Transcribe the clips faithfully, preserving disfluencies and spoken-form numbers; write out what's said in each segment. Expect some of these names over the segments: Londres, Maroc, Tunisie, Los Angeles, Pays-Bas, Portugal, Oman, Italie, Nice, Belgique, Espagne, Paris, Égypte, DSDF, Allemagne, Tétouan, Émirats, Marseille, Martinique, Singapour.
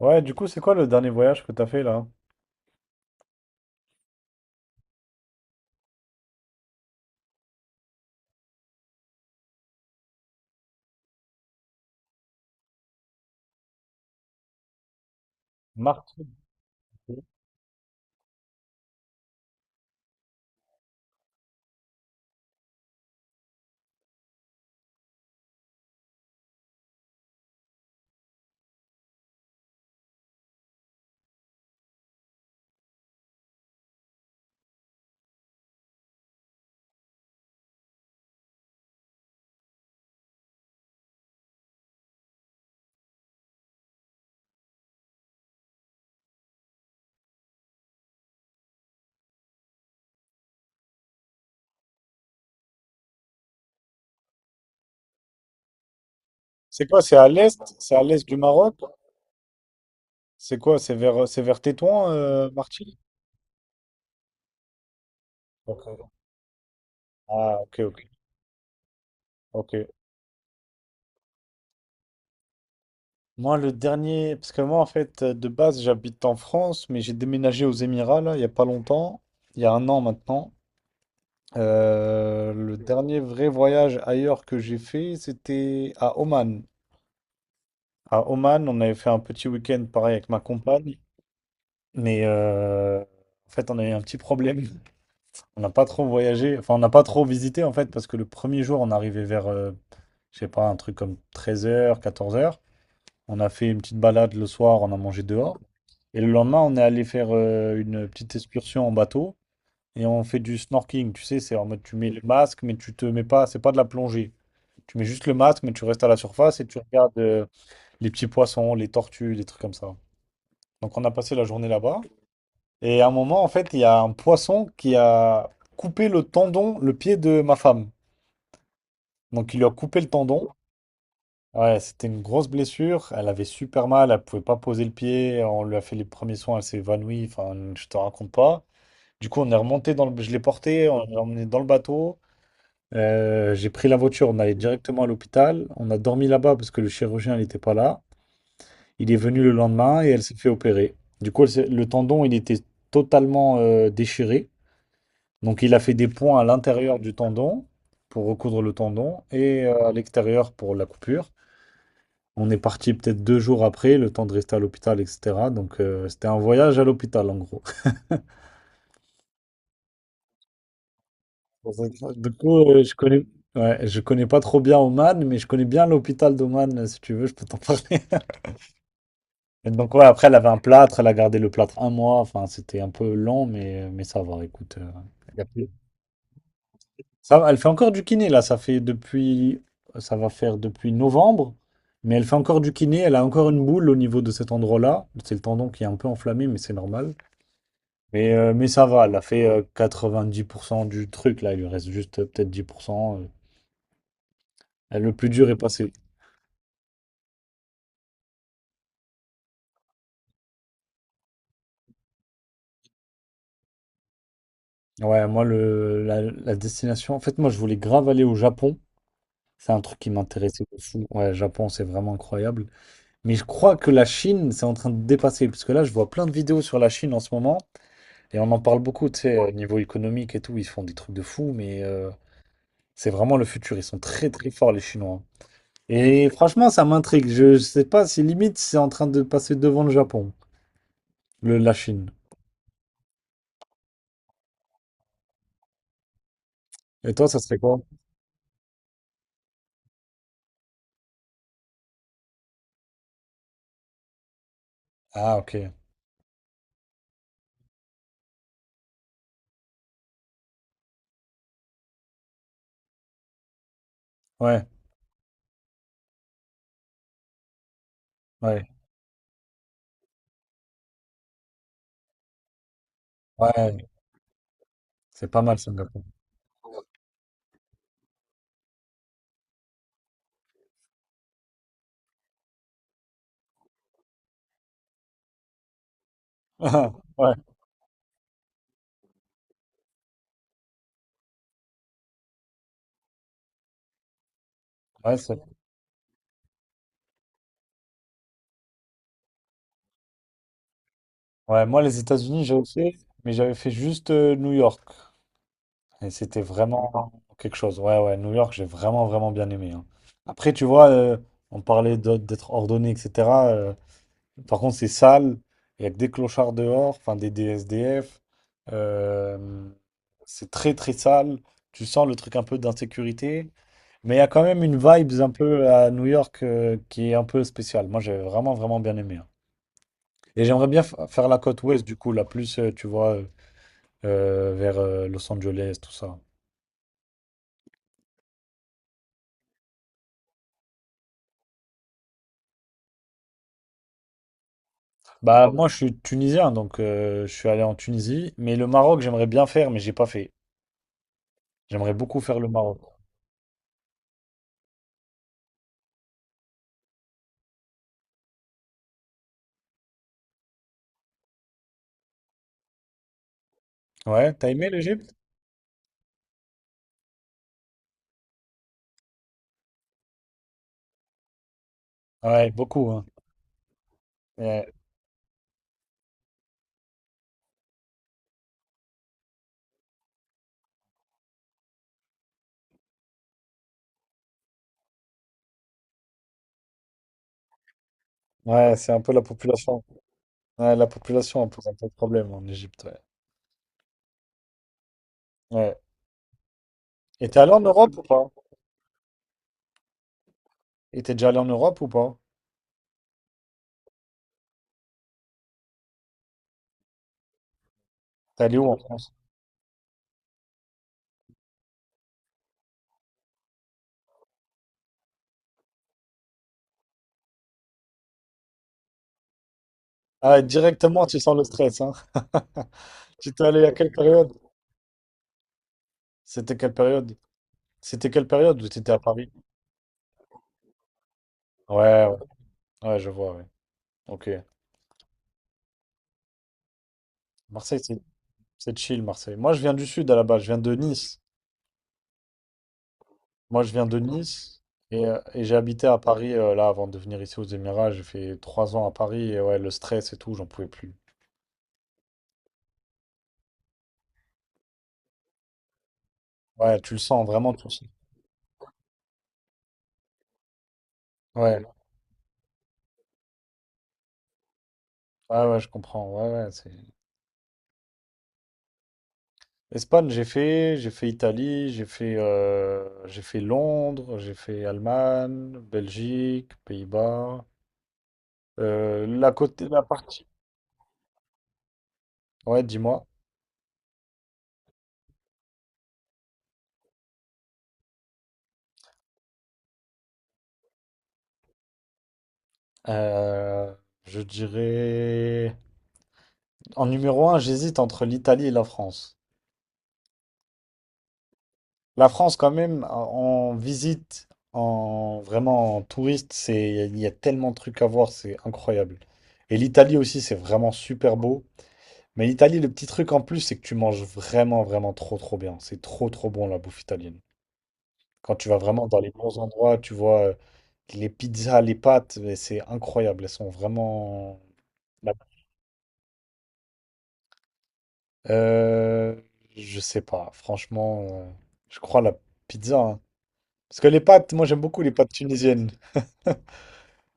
Ouais, du coup, c'est quoi le dernier voyage que t'as fait là? Martinique. C'est quoi? C'est à l'est? C'est à l'est du Maroc? C'est quoi? C'est vers, c'est vers Tétouan, euh, Martinique? Ok. Ah, ok, ok, ok. Moi, le dernier, parce que moi, en fait, euh, de base, j'habite en France, mais j'ai déménagé aux Émirats là, il y a pas longtemps, il y a un an maintenant. Euh, le dernier vrai voyage ailleurs que j'ai fait, c'était à Oman. À Oman, on avait fait un petit week-end pareil avec ma compagne, mais euh, en fait, on a eu un petit problème. On n'a pas trop voyagé, enfin on n'a pas trop visité en fait, parce que le premier jour on arrivait vers, euh, je sais pas, un truc comme treize heures, quatorze heures. On a fait une petite balade le soir, on a mangé dehors. Et le lendemain on est allé faire euh, une petite excursion en bateau et on fait du snorkeling. Tu sais, c'est en mode tu mets le masque mais tu te mets pas, c'est pas de la plongée. Tu mets juste le masque mais tu restes à la surface et tu regardes euh, les petits poissons, les tortues, des trucs comme ça. Donc on a passé la journée là-bas. Et à un moment en fait il y a un poisson qui a coupé le tendon, le pied de ma femme. Donc il lui a coupé le tendon. Ouais, c'était une grosse blessure. Elle avait super mal, elle pouvait pas poser le pied. On lui a fait les premiers soins, elle s'est évanouie. Enfin, je te raconte pas. Du coup, on est remonté dans le... Je l'ai porté, on l'a emmené dans le bateau. Euh, j'ai pris la voiture, on allait directement à l'hôpital. On a dormi là-bas parce que le chirurgien n'était pas là. Il est venu le lendemain et elle s'est fait opérer. Du coup, elle s'est- le tendon, il était totalement euh, déchiré. Donc, il a fait des points à l'intérieur du tendon pour recoudre le tendon et euh, à l'extérieur pour la coupure. On est parti peut-être deux jours après, le temps de rester à l'hôpital, et cetera. Donc, euh, c'était un voyage à l'hôpital, en gros. Pour ça que- Du coup, euh, je connais, ouais, je connais pas trop bien Oman, mais je connais bien l'hôpital d'Oman, euh, si tu veux, je peux t'en parler. Et donc, ouais, après, elle avait un plâtre, elle a gardé le plâtre un mois. Enfin, c'était un peu lent, mais, euh, mais ça va, écoute. euh, y a plus- ça, va, elle fait encore du kiné, là. Ça fait depuis, ça va faire depuis novembre, mais elle fait encore du kiné. Elle a encore une boule au niveau de cet endroit-là. C'est le tendon qui est un peu enflammé, mais c'est normal. Mais, euh, mais ça va, elle a fait euh, quatre-vingt-dix pour cent du truc, là, il lui reste juste euh, peut-être dix pour cent. euh. Le plus dur est passé. Ouais, moi, le, la, la destination, en fait, moi, je voulais grave aller au Japon. C'est un truc qui m'intéressait de fou. Ouais, Japon, c'est vraiment incroyable. Mais je crois que la Chine, c'est en train de dépasser, parce que là, je vois plein de vidéos sur la Chine en ce moment, et on en parle beaucoup, tu sais, au niveau économique et tout, ils font des trucs de fou, mais euh, c'est vraiment le futur. Ils sont très, très forts, les Chinois. Et franchement, ça m'intrigue. Je, je sais pas si limite c'est en train de passer devant le Japon. Le, la Chine. Et toi, ça serait quoi? Ah, ok. Ouais, ouais, ouais. C'est pas mal, Singapour. Ouais, ouais, c'est... Ouais, moi, les États-Unis, j'ai aussi, mais j'avais fait juste euh, New York. Et c'était vraiment quelque chose. Ouais, ouais, New York, j'ai vraiment, vraiment bien aimé, hein. Après, tu vois, euh, on parlait de- d'être ordonné, et cetera euh, par contre, c'est sale. Il y a que des clochards dehors, enfin, des D S D F. euh, c'est très, très sale. Tu sens le truc un peu d'insécurité. Mais il y a quand même une vibe un peu à New York euh, qui est un peu spéciale. Moi, j'ai vraiment, vraiment bien aimé, hein. Et j'aimerais bien fa- faire la côte ouest, du coup, la plus, euh, tu vois, euh, euh, vers euh, Los Angeles, tout ça. Bah, moi, je suis tunisien, donc euh, je suis allé en Tunisie. Mais le Maroc, j'aimerais bien faire, mais j'ai pas fait. J'aimerais beaucoup faire le Maroc. Ouais, t'as aimé l'Égypte? Ouais, beaucoup, hein. Ouais, ouais, c'est un peu la population. Ouais, la population pose un peu de problème en Égypte, ouais. Ouais. Et t'es allé en Europe ou pas? Et t'es déjà allé en Europe ou pas? T'es allé où en France? Ah, directement, tu sens le stress, hein. Tu étais allé à quelle période? C'était quelle période? C'était quelle période où tu étais à Paris? Ouais, ouais, ouais, je vois, ouais. Ok. Marseille, c'est c'est chill, Marseille. Moi, je viens du sud à la base, je viens de Nice. Moi, je viens de Nice et, euh, et j'ai habité à Paris euh, là avant de venir ici aux Émirats. J'ai fait trois ans à Paris et ouais, le stress et tout, j'en pouvais plus. Ouais, tu le sens, vraiment, tu le sens. Ouais, ouais, ouais, je comprends. Ouais, ouais, c'est. Espagne, j'ai fait, j'ai fait Italie, j'ai fait, euh, j'ai fait Londres, j'ai fait Allemagne, Belgique, Pays-Bas. Euh, la côté, la partie. Ouais, dis-moi. Euh, je dirais en numéro un, j'hésite entre l'Italie et la France. La France, quand même, en en visite, en vraiment en touriste, c'est il y a tellement de trucs à voir, c'est incroyable. Et l'Italie aussi, c'est vraiment super beau. Mais l'Italie, le petit truc en plus, c'est que tu manges vraiment, vraiment trop, trop bien. C'est trop, trop bon la bouffe italienne. Quand tu vas vraiment dans les bons endroits, tu vois euh, les pizzas, les pâtes, mais c'est incroyable. Elles sont vraiment. la- Euh, je sais pas, franchement, euh, je crois la pizza, hein. Parce que les pâtes, moi j'aime beaucoup les pâtes tunisiennes.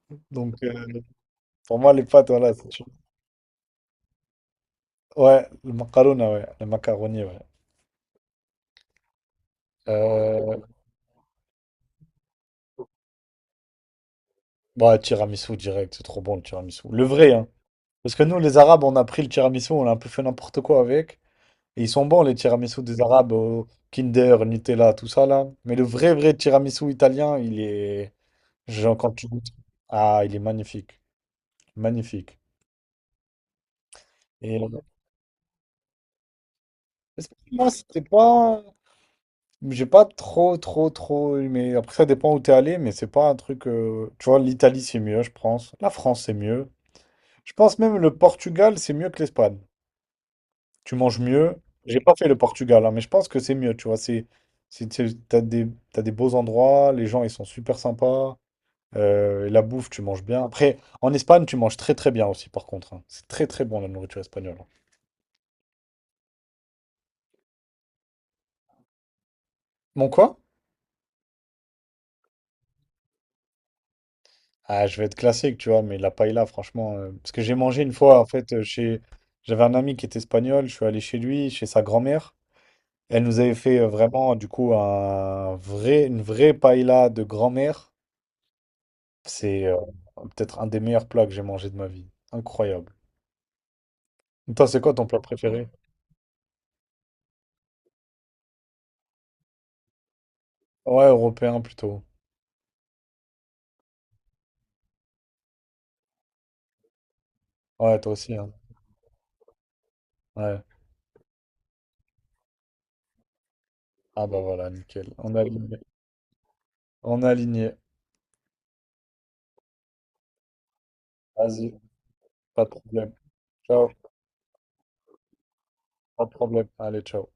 Donc euh, pour moi, les pâtes, voilà. c'est tu- Ouais, le macaroni, ouais. Le macaroni, ouais. Euh, ouais, tiramisu direct, c'est trop bon le tiramisu. Le vrai, hein. Parce que nous, les Arabes, on a pris le tiramisu, on a un peu fait n'importe quoi avec. Et ils sont bons, les tiramisu des Arabes, au Kinder, Nutella, tout ça là. Mais le vrai, vrai tiramisu italien, il est. Genre, quand tu goûtes. Ah, il est magnifique. Magnifique. Et euh, moi, c'était pas. J'ai pas trop, trop, trop aimé. Après, ça dépend où t'es allé, mais c'est pas un truc. euh, Tu vois, l'Italie, c'est mieux, je pense. La France, c'est mieux. Je pense même le Portugal, c'est mieux que l'Espagne. Tu manges mieux. J'ai pas fait le Portugal, hein, mais je pense que c'est mieux, tu vois. C'est, c'est, c'est- t'as des, t'as des beaux endroits, les gens, ils sont super sympas. euh, et la bouffe, tu manges bien. Après, en Espagne, tu manges très très bien aussi, par contre, hein. C'est très très bon la nourriture espagnole, hein. Mon quoi? Ah, je vais être classique, tu vois, mais la paella, franchement, euh, parce que j'ai mangé une fois, en fait, euh, chez, j'avais un ami qui était espagnol, je suis allé chez lui, chez sa grand-mère. Elle nous avait fait euh, vraiment, du coup, un vrai, une vraie paella de grand-mère. C'est euh, peut-être un des meilleurs plats que j'ai mangé de ma vie. Incroyable. Toi, c'est quoi ton plat préféré? Ouais, européen plutôt. Ouais, toi aussi, hein. Ouais. Ah bah voilà, nickel. On est aligné. On est aligné. Vas-y, pas de problème. Ciao, pas de problème. Allez, ciao.